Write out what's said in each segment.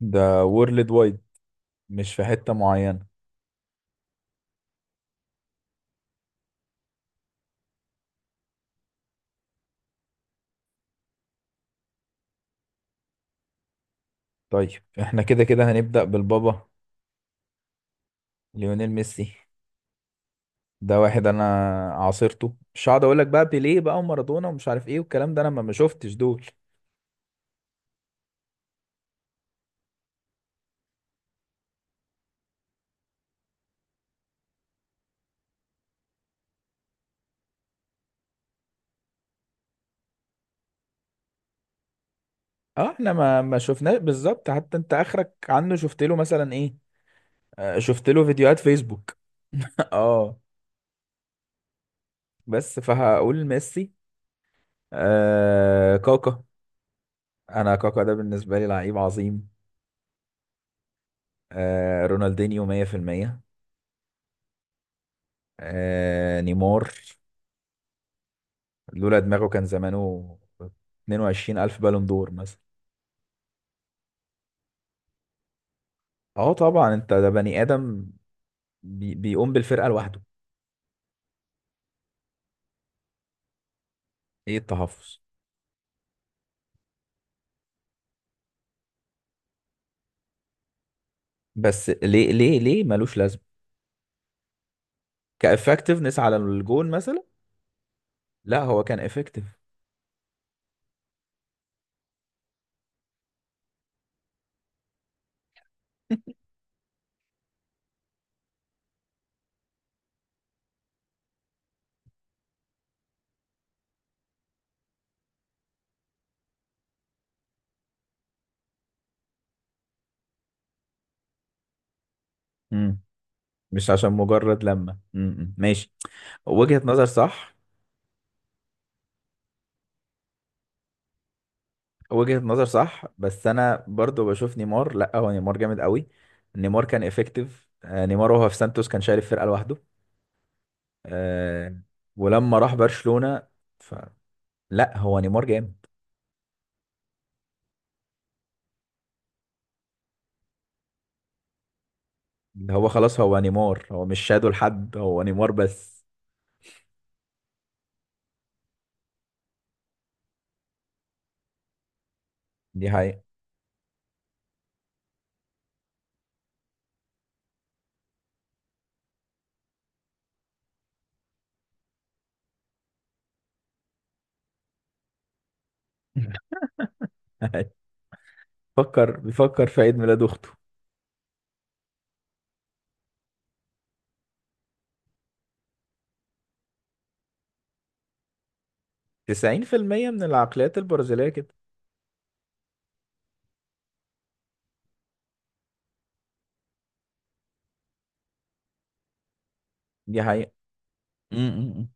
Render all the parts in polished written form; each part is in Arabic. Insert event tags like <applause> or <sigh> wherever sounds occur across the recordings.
ده وورلد وايد. مش في حتة معينة. طيب، احنا كده كده هنبدأ بالبابا ليونيل ميسي. ده واحد انا عاصرته، مش هقعد اقول لك بقى بيليه بقى ومارادونا ومش عارف ايه والكلام ده، انا ما شفتش دول. اه، احنا ما شفناه بالظبط. حتى انت اخرك عنه شفت له مثلا ايه؟ آه، شفت له فيديوهات فيسبوك. <laughs> اه، بس فهقول ميسي. آه كاكا. انا كاكا ده بالنسبة لي لعيب عظيم. آه رونالدينيو 100%. آه نيمار، لولا دماغه كان زمانه 22 ألف بالون دور مثلا. اه طبعا، انت ده بني آدم. بيقوم بالفرقة لوحده. ايه التحفظ؟ بس ليه ليه ليه ملوش لازمة؟ كإفكتفنس على الجون مثلا. لا هو كان إفكتيف. امم، مش عشان مجرد لما امم، ماشي. وجهة نظر صح. وجهة نظر صح، بس انا برضو بشوف نيمار. لا هو نيمار جامد قوي. نيمار كان إفكتيف، آه، نيمار وهو في سانتوس كان شايل الفرقة لوحده. آه، ولما راح برشلونة ف... لا هو نيمار جامد. ده هو خلاص، هو نيمار، هو مش شادو لحد، هو نيمار بس. دي حقيقة. <laughs> فكر بيفكر في عيد ميلاد اخته. 90% من العقليات البرازيلية كده. دي حقيقة. امم.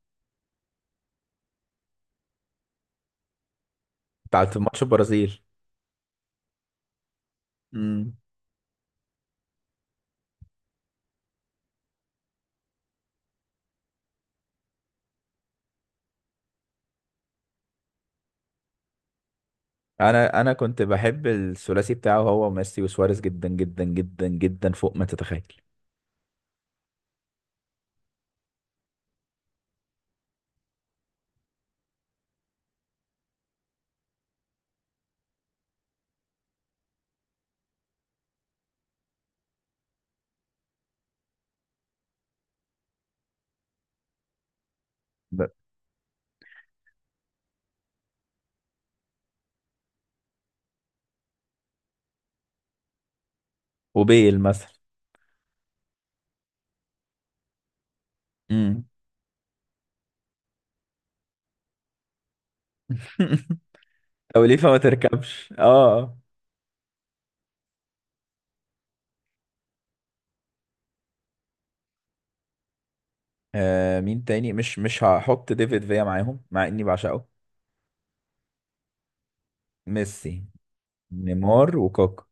بتاعت ماتش البرازيل. امم. انا كنت بحب الثلاثي بتاعه هو ميسي وسواريز، جدا جدا جدا جدا، فوق ما تتخيل. ب- وبيل مثلا. امم. <laughs> او ليفا ما تركبش. اه، آه مين تاني؟ مش هحط ديفيد فيا معاهم مع اني بعشقه. ميسي، نيمار وكاكا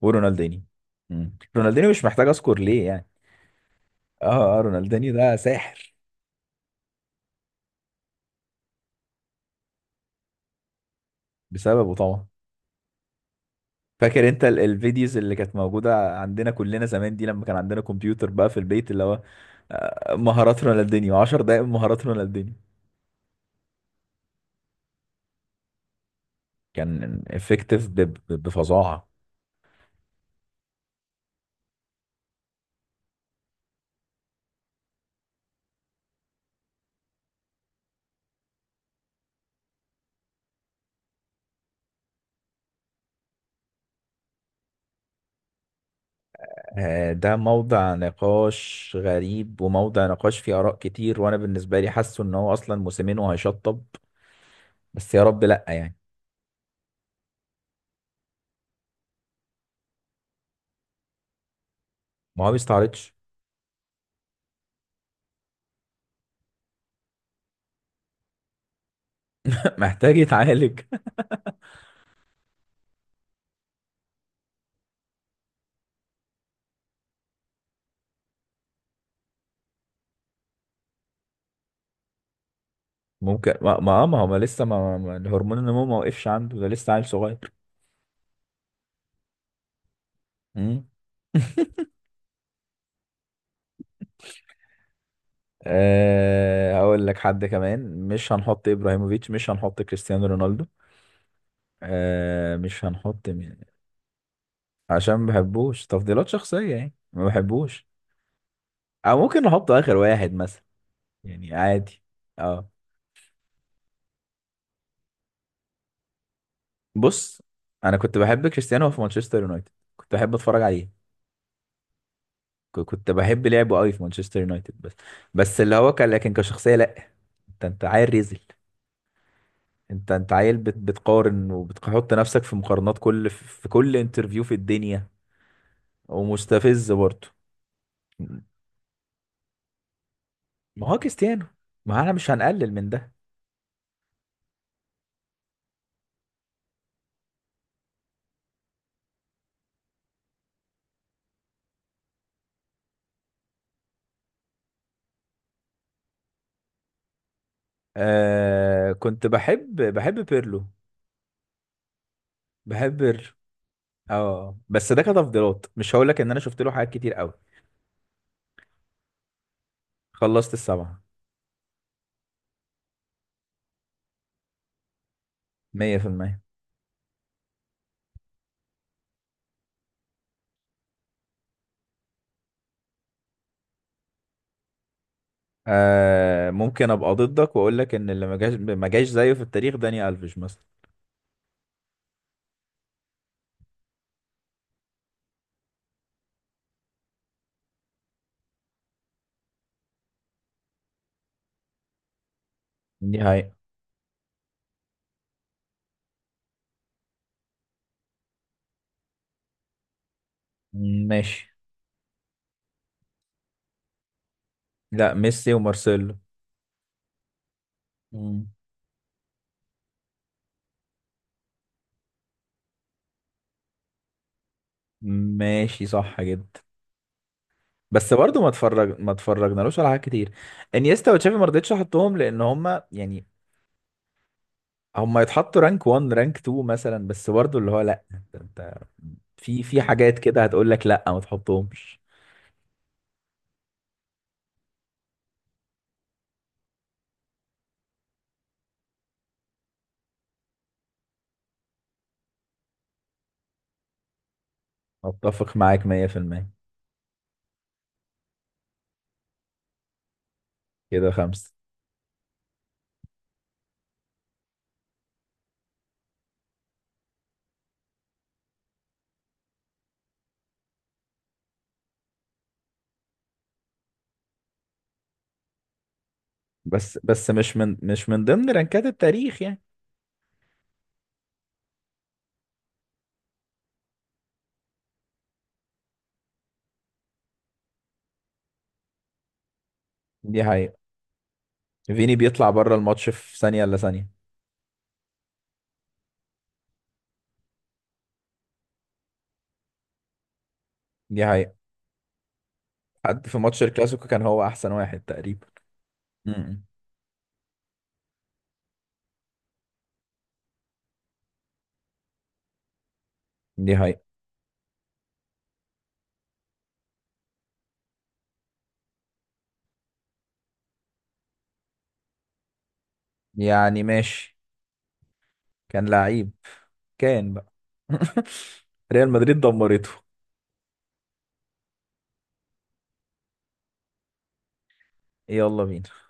ورونالدينيو. مم. رونالدينيو مش محتاج اذكر ليه يعني. اه اه رونالدينيو ده ساحر. بسببه طبعا. فاكر انت الفيديوز اللي كانت موجودة عندنا كلنا زمان دي لما كان عندنا كمبيوتر بقى في البيت اللي هو آه، مهارات رونالدينيو، 10 دقايق من مهارات رونالدينيو. كان افكتيف بفظاعة. آه، ده موضع نقاش غريب، وموضع نقاش فيه آراء كتير، وأنا بالنسبة لي حاسه إن هو أصلا موسمين وهيشطب. بس يا رب لأ يعني. ما هو بيستعرضش. محتاج يتعالج. ممكن ما هو ما لسه الهرمون النمو ما وقفش عنده. ده لسه عيل صغير. مم. <laughs> أه هقول لك حد كمان. مش هنحط ابراهيموفيتش، مش هنحط كريستيانو رونالدو. أه مش هنحط مين؟ عشان ما بحبوش، تفضيلات شخصية يعني، ما بحبوش. او ممكن نحط اخر واحد مثلا، يعني عادي. اه. بص، انا كنت بحب كريستيانو في مانشستر يونايتد. كنت بحب اتفرج عليه. كنت بحب لعبه قوي في مانشستر يونايتد بس. بس اللي هو كان، لكن كشخصيه لا. انت عيل ريزل. انت عيل بت بتقارن وبتحط نفسك في مقارنات كل في كل انترفيو في الدنيا. ومستفز برضه. ما هو كريستيانو، ما انا مش هنقلل من ده. آه، كنت بحب بيرلو. بحب بيرلو. اه بس ده كتفضيلات، مش هقول لك ان انا شفت له حاجات كتير قوي. خلصت السبعة. 100%. آه ممكن ابقى ضدك واقول لك ان اللي ما جاش ما جاش زيه في التاريخ داني الفيش مثلا. دي هاي. ماشي. لا، ميسي ومارسيلو. مم. ماشي، صح جدا. بس برضه ما اتفرجنالوش على حاجات كتير. انيستا وتشافي ما رضيتش احطهم لان هم يعني هم يتحطوا رانك 1 رانك 2 مثلا. بس برضه اللي هو لا، انت في حاجات كده هتقول لك لا ما تحطهمش. اتفق معاك 100%. كده خمسة. بس مش من ضمن رانكات التاريخ يعني. دي حقيقة. فيني بيطلع بره الماتش في ثانية إلا ثانية. دي حقيقة. حد في ماتش الكلاسيكو كان هو أحسن واحد تقريبا. امم. دي حقيقة. يعني ماشي. كان لعيب. كان بقى. <laughs> ريال مدريد دمرته. يلا بينا.